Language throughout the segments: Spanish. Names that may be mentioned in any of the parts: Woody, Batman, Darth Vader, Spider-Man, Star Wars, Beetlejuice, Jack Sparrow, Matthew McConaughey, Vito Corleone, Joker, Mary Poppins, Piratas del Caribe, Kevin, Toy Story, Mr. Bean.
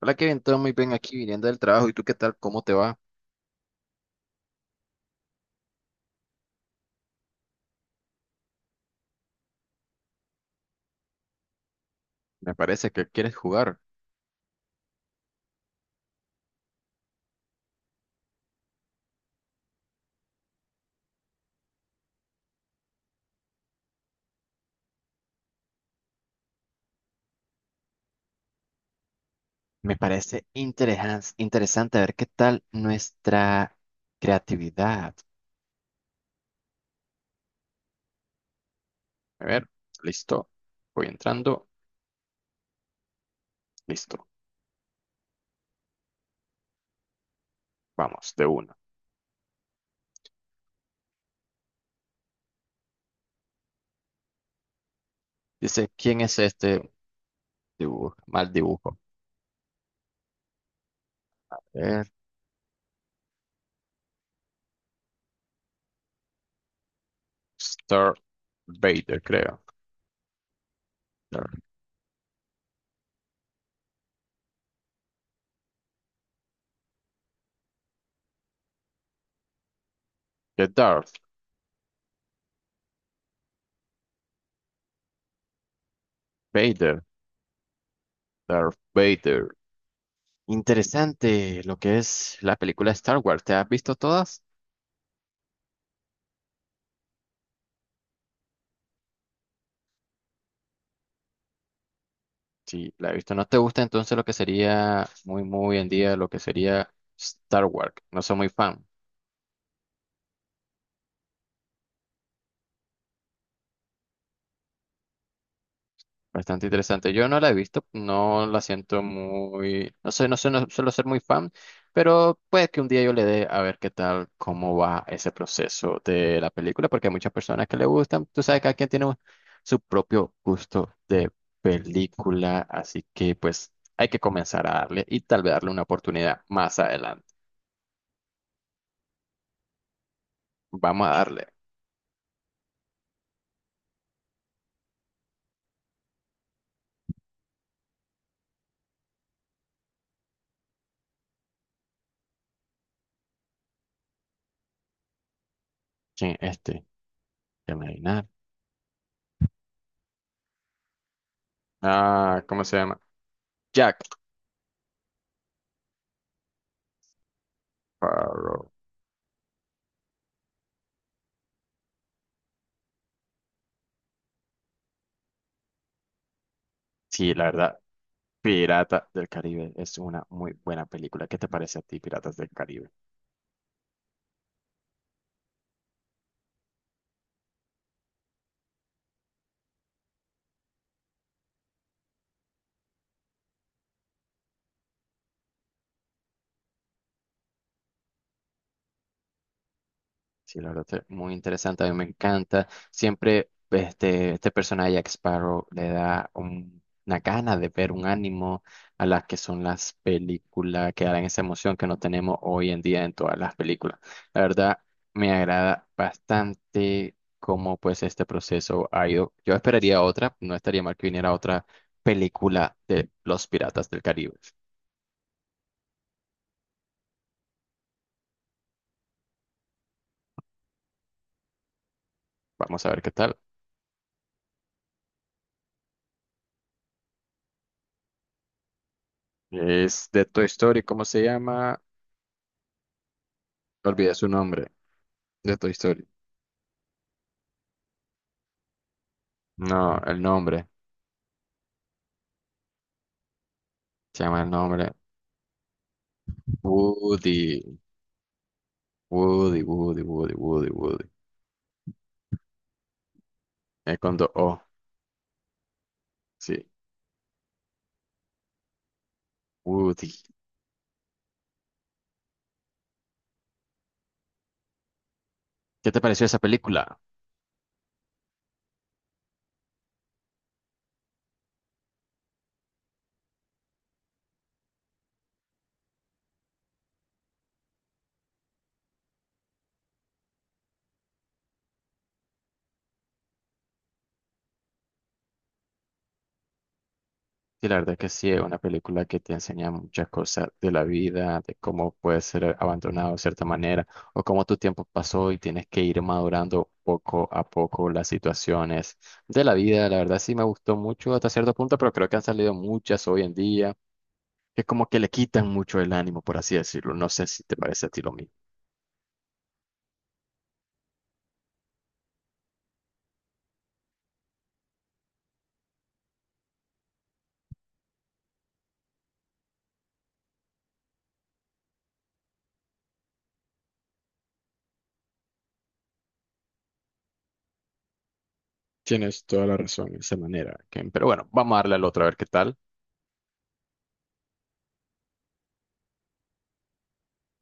Hola Kevin, todo muy bien aquí viniendo del trabajo. ¿Y tú qué tal? ¿Cómo te va? Me parece que quieres jugar. Me parece interesante interesante ver qué tal nuestra creatividad. A ver, listo. Voy entrando. Listo. Vamos, de uno. Dice, ¿quién es este dibujo? Mal dibujo. Eh, Star Vader, creo. Darth de Darth Vader. Darth Vader. Interesante lo que es la película Star Wars. ¿Te has visto todas? Sí, la he visto. ¿No te gusta entonces lo que sería muy, muy en día, lo que sería Star Wars? No soy muy fan. Bastante interesante. Yo no la he visto, no la siento muy, no sé, no sé, no suelo ser muy fan, pero puede que un día yo le dé a ver qué tal, cómo va ese proceso de la película, porque hay muchas personas que le gustan. Tú sabes que cada quien tiene un- su propio gusto de película, así que pues hay que comenzar a darle y tal vez darle una oportunidad más adelante. Vamos a darle. Sí, este. Déjame adivinar. Ah, ¿cómo se llama? Jack Sparrow. Sí, la verdad, Pirata del Caribe es una muy buena película. ¿Qué te parece a ti, Piratas del Caribe? Sí, la verdad, es muy interesante, a mí me encanta. Siempre este, este personaje, Jack Sparrow, le da un- una gana de ver un ánimo a las que son las películas, que dan esa emoción que no tenemos hoy en día en todas las películas. La verdad, me agrada bastante cómo pues este proceso ha ido. Yo esperaría otra, no estaría mal que viniera otra película de Los Piratas del Caribe. Vamos a ver qué tal. Es de Toy Story, ¿cómo se llama? Olvidé su nombre, de Toy Story. No, el nombre. Se llama el nombre. Woody. Woody, Woody, Woody, Woody, Woody. Es con dos O. Sí. Woody. ¿Qué te pareció esa película? Sí, la verdad que sí, es una película que te enseña muchas cosas de la vida, de cómo puedes ser abandonado de cierta manera, o cómo tu tiempo pasó y tienes que ir madurando poco a poco las situaciones de la vida. La verdad sí me gustó mucho hasta cierto punto, pero creo que han salido muchas hoy en día, que como que le quitan mucho el ánimo, por así decirlo. No sé si te parece a ti lo mismo. Tienes toda la razón de esa manera, Ken. Pero bueno, vamos a darle al otro a ver qué tal.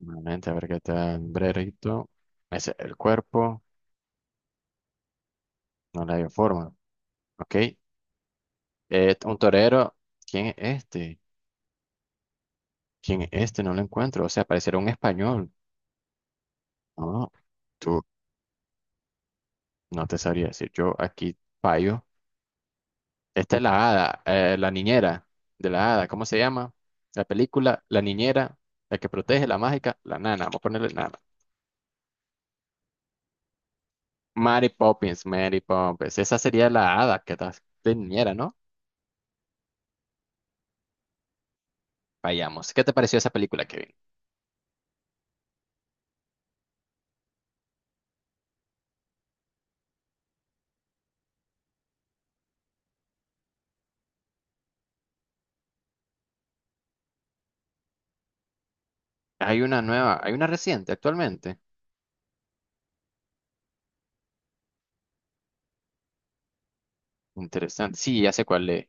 Nuevamente, a ver qué tal, brerito. Ese el cuerpo, no le dio forma. Ok. Un torero, ¿quién es este? ¿Quién es este? No lo encuentro. O sea, pareciera un español. No, tú no te sabría decir. Yo aquí fallo. Esta es la hada, la niñera de la hada. ¿Cómo se llama? La película, la niñera, la que protege, la mágica, la nana. Vamos a ponerle nana. Mary Poppins, Mary Poppins. Esa sería la hada que está de niñera, ¿no? Vayamos. ¿Qué te pareció esa película, Kevin? Hay una nueva, hay una reciente actualmente. Interesante. Sí, ya sé cuál es.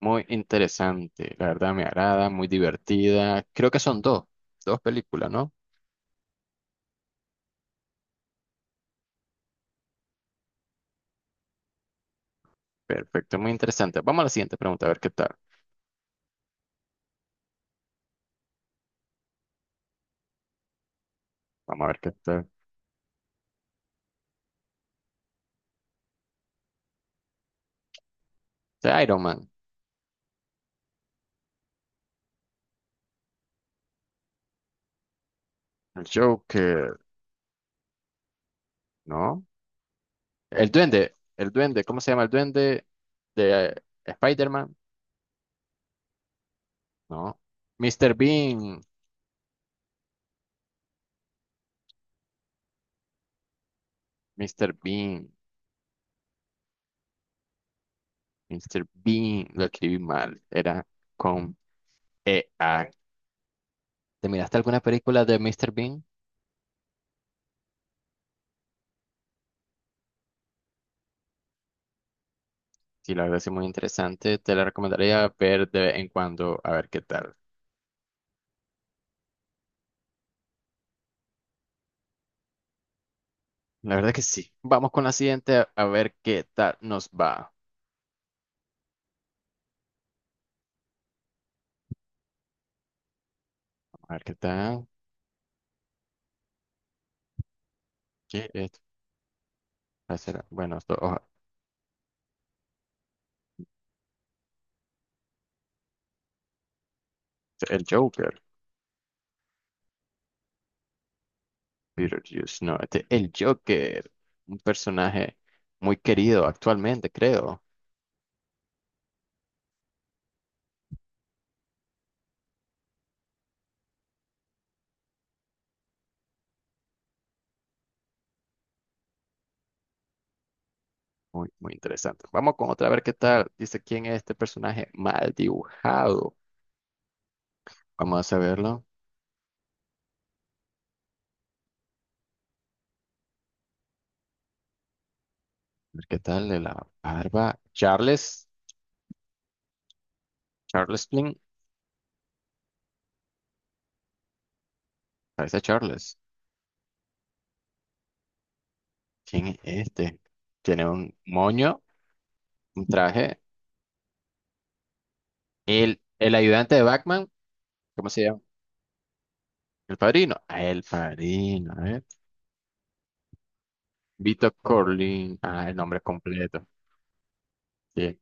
Muy interesante. La verdad me agrada, muy divertida. Creo que son dos, dos películas, ¿no? Perfecto, muy interesante. Vamos a la siguiente pregunta, a ver qué tal. Vamos a ver qué tal. De Iron Man. El Joker, ¿no? El Duende, ¿cómo se llama el Duende de Spider-Man? No. Mr. Bean, Mr. Bean, Mr. Bean, lo escribí mal, era con EA. ¿Te miraste alguna película de Mr. Bean? Sí, la verdad es muy interesante, te la recomendaría ver de vez en cuando, a ver qué tal. La verdad que sí. Vamos con la siguiente, a ver qué tal nos va. A ver qué tal. ¿Qué es? Va a ser- Bueno, esto, ojo, el Joker. Beetlejuice, no, este- el Joker, un personaje muy querido actualmente, creo. Muy, muy interesante. Vamos con otra, a ver qué tal. Dice quién es este personaje mal dibujado. Vamos a verlo. A ver qué tal de la barba. Charles, Charles Plin, parece a Charles. ¿Quién es este? Tiene un moño, un traje. El ayudante de Batman, ¿cómo se llama? El padrino. Ah, el padrino, ¿eh? Vito Corleone, ah, el nombre completo. Sí.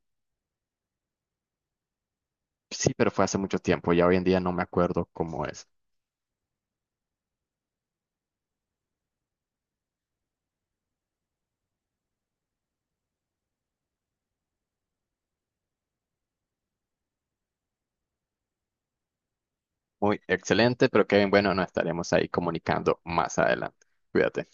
Sí, pero fue hace mucho tiempo, ya hoy en día no me acuerdo cómo es. Muy excelente, pero Kevin, bueno, nos estaremos ahí comunicando más adelante. Cuídate.